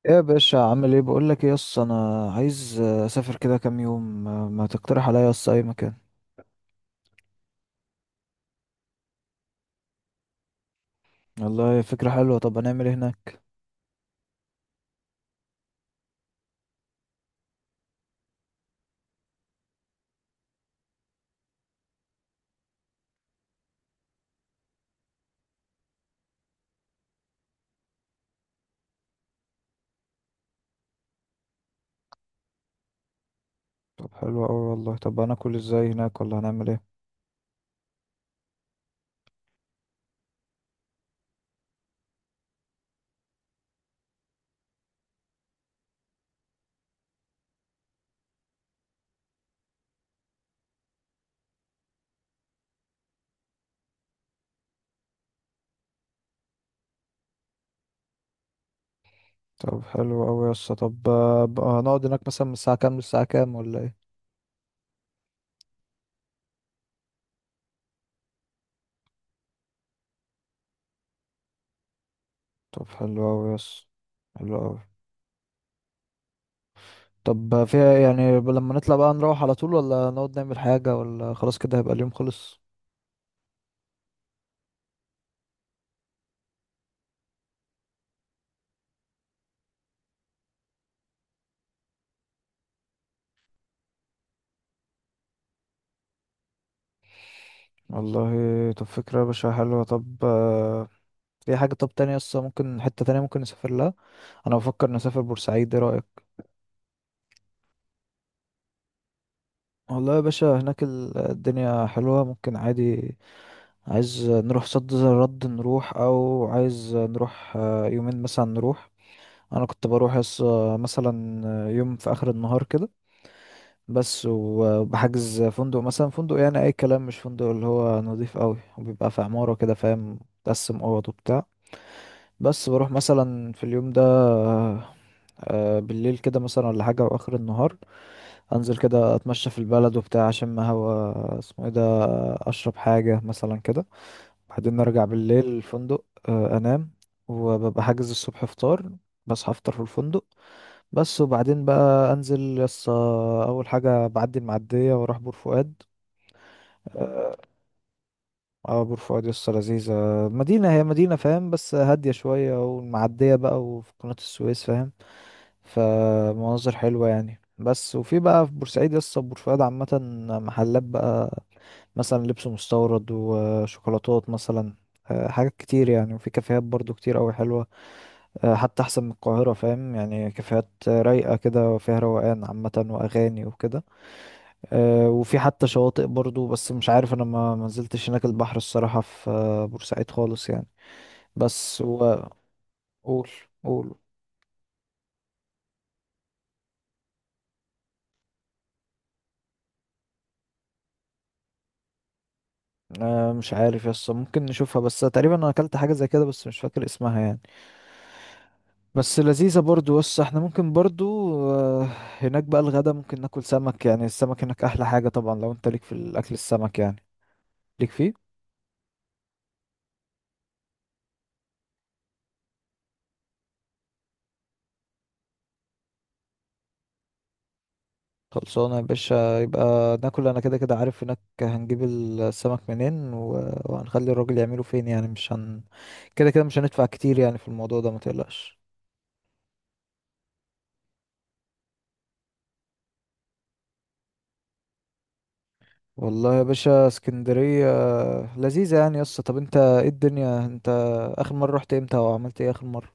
ايه يا باشا، عامل ايه؟ بقول لك ايه يس، انا عايز اسافر كده كام يوم. ما تقترح عليا يس اي مكان؟ والله فكرة حلوة. طب هنعمل ايه هناك؟ طب حلو قوي والله. طب هناكل ازاي هناك ولا هنعمل ايه؟ طب حلو قوي يس. طب بقى هنقعد هناك مثلا من الساعة كام للساعة كام ولا ايه؟ طب حلو قوي يس. حلو قوي. طب فيها إيه؟ يعني لما نطلع بقى نروح على طول ولا نقعد نعمل حاجة ولا خلاص كده هيبقى اليوم خلص. والله. طب فكرة يا باشا حلوة. طب في حاجة طب تانية يس، ممكن حتة تانية ممكن نسافر لها. انا بفكر نسافر بورسعيد، ايه رايك؟ والله يا باشا هناك الدنيا حلوه، ممكن عادي. عايز نروح صد زي الرد نروح، او عايز نروح يومين مثلا نروح. انا كنت بروح مثلا يوم في اخر النهار كده، بس. وبحجز فندق مثلا، فندق يعني اي كلام، مش فندق اللي هو نظيف قوي، وبيبقى في عماره كده فاهم، تقسم اوض وبتاع. بس بروح مثلا في اليوم ده بالليل كده مثلا ولا حاجه، واخر النهار انزل كده اتمشى في البلد وبتاع، اشم هوا اسمه ايه ده، اشرب حاجه مثلا كده. بعدين ارجع بالليل الفندق انام. وببقى حاجز الصبح فطار، بصحى افطر في الفندق، بس. وبعدين بقى انزل يس اول حاجه بعدي المعديه واروح بور فؤاد. اه. بور فؤاد يس لذيذه، مدينه، هي مدينه فاهم بس هاديه شويه، والمعديه بقى وفي قناه السويس فاهم، فمناظر حلوة يعني. بس وفي بقى في بورسعيد لسه بورسعيد عامة محلات بقى، مثلا لبس مستورد وشوكولاتات مثلا، حاجات كتير يعني. وفي كافيهات برضو كتير أوي حلوة، حتى أحسن من القاهرة فاهم، يعني كافيهات رايقة كده وفيها روقان عامة وأغاني وكده. وفي حتى شواطئ برضو، بس مش عارف أنا، ما منزلتش هناك البحر الصراحة في بورسعيد خالص يعني. بس قول. قول. آه مش عارف يس، ممكن نشوفها. بس تقريبا انا اكلت حاجه زي كده بس مش فاكر اسمها يعني، بس لذيذه برضو. بس احنا ممكن برضو آه، هناك بقى الغدا ممكن ناكل سمك، يعني السمك هناك احلى حاجه طبعا. لو انت ليك في الاكل السمك يعني، ليك فيه. خلصانه يا باشا يبقى ناكل. انا كده كده عارف هناك هنجيب السمك منين وهنخلي الراجل يعمله فين، يعني مش كده كده مش هندفع كتير يعني في الموضوع ده، ما تقلقش. والله يا باشا اسكندرية لذيذة يعني يا اسطى. طب انت، ايه الدنيا انت اخر مرة رحت امتى وعملت ايه اخر مرة؟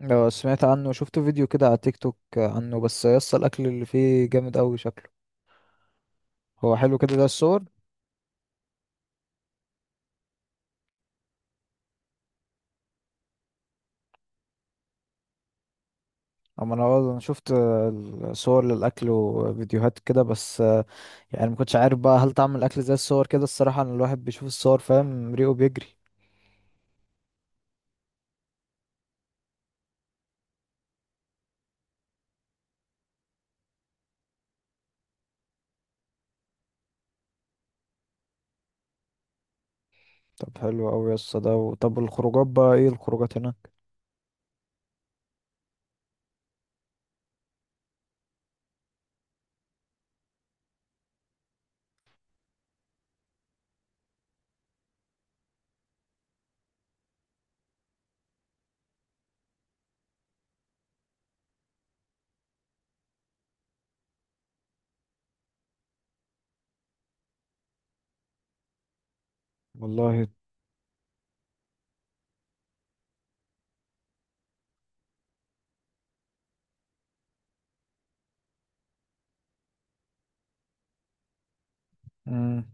لو سمعت عنه، شفت فيديو كده على تيك توك عنه، بس يا اسطى الاكل اللي فيه جامد قوي شكله، هو حلو كده ده الصور. اما انا، والله انا شفت الصور للاكل وفيديوهات كده بس، يعني ما كنتش عارف بقى هل طعم الاكل زي الصور كده. الصراحة ان الواحد بيشوف الصور فاهم، ريقه بيجري. طب حلو قوي يا اسطى ده. طب الخروجات بقى، ايه الخروجات هناك؟ والله. مم.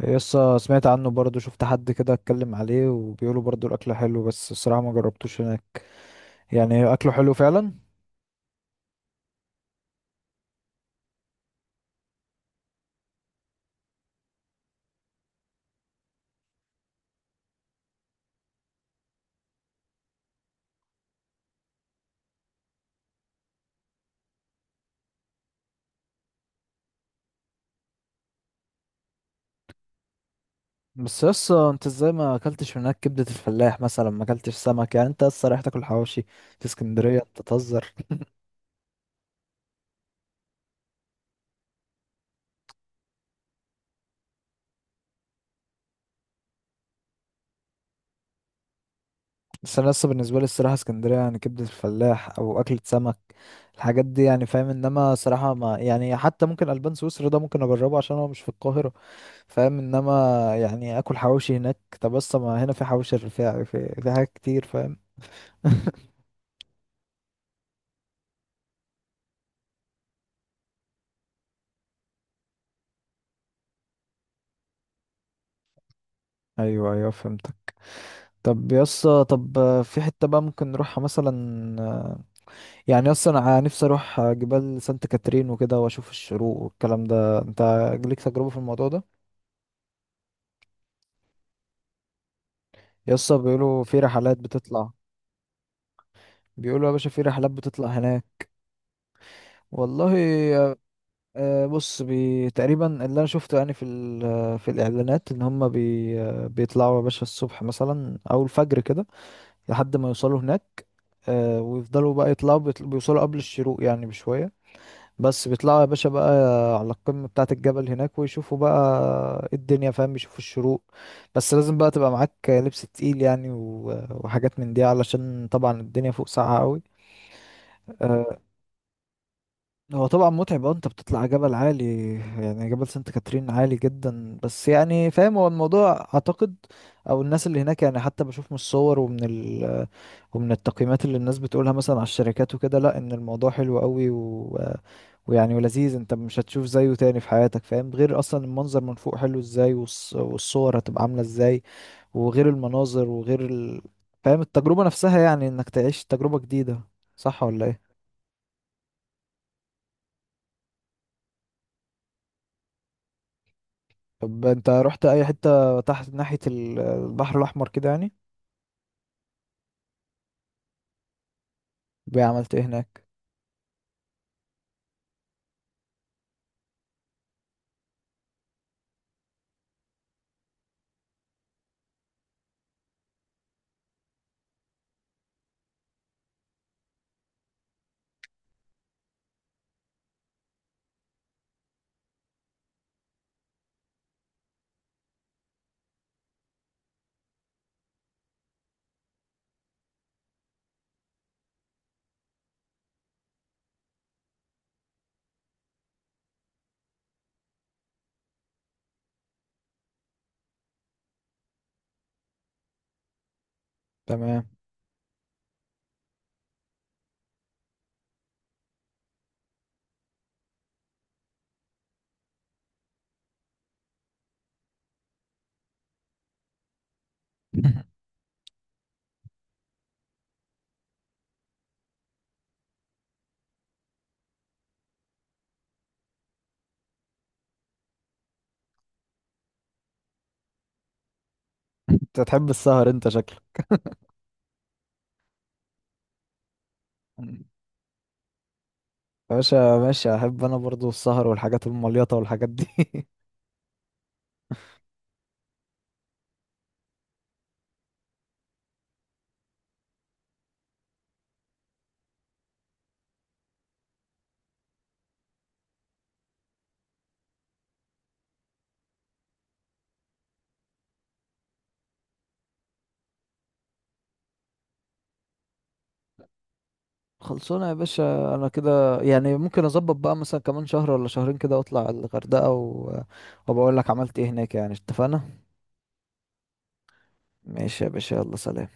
يسا سمعت عنه برضه، شفت حد كده اتكلم عليه وبيقولوا برضه الاكل حلو، بس الصراحه ما جربتوش هناك، يعني اكله حلو فعلا؟ بس يسا انت ازاي ما اكلتش هناك كبده الفلاح مثلا، ما اكلتش سمك، يعني انت لسه رايح تاكل حواوشي في اسكندريه؟ انت تهزر. بس انا لسه بالنسبه لي الصراحه اسكندريه يعني كبده الفلاح او اكله سمك، الحاجات دي يعني فاهم. انما صراحه ما يعني، حتى ممكن البان سويسرا ده ممكن اجربه عشان هو مش في القاهره فاهم. انما يعني اكل حواوشي هناك، طب بس ما هنا في حواوشي الرفاعي، في حاجات كتير فاهم. ايوه ايوه فهمتك. طب يسا، طب في حتة بقى ممكن نروحها مثلا؟ يعني اصلا انا نفسي اروح جبال سانت كاترين وكده واشوف الشروق والكلام ده. انت ليك تجربة في الموضوع ده؟ يسا بيقولوا في رحلات بتطلع. بيقولوا يا باشا في رحلات بتطلع هناك. والله بص، تقريبا اللي انا شفته يعني في في الاعلانات ان هم بيطلعوا يا باشا الصبح مثلا او الفجر كده، لحد ما يوصلوا هناك. ويفضلوا بقى يطلعوا، بيوصلوا قبل الشروق يعني بشوية. بس بيطلعوا يا باشا بقى على القمة بتاعة الجبل هناك، ويشوفوا بقى الدنيا فاهم، يشوفوا الشروق. بس لازم بقى تبقى معاك لبس تقيل يعني وحاجات من دي، علشان طبعا الدنيا فوق ساقعة قوي. هو طبعا متعب، اه، انت بتطلع جبل عالي يعني، جبل سانت كاترين عالي جدا. بس يعني فاهم، هو الموضوع اعتقد او الناس اللي هناك يعني، حتى بشوف من الصور ومن ومن التقييمات اللي الناس بتقولها مثلا على الشركات وكده، لا، ان الموضوع حلو قوي ويعني ولذيذ، انت مش هتشوف زيه تاني في حياتك فاهم. غير اصلا المنظر من فوق حلو ازاي، والصور هتبقى عاملة ازاي، وغير المناظر وغير فاهم التجربة نفسها يعني، انك تعيش تجربة جديدة، صح ولا ايه؟ طب انت رحت اي حتة تحت ناحية البحر الاحمر كده يعني؟ بقى عملت ايه هناك؟ تمام. انت تحب السهر انت شكلك. يا باشا ماشي، احب انا برضو السهر والحاجات المليطة والحاجات دي. خلصونا يا باشا. انا كده يعني ممكن اظبط بقى مثلا كمان شهر ولا شهرين كده واطلع الغردقة وبقول لك عملت ايه هناك يعني. اتفقنا. ماشي يا باشا، يلا سلام.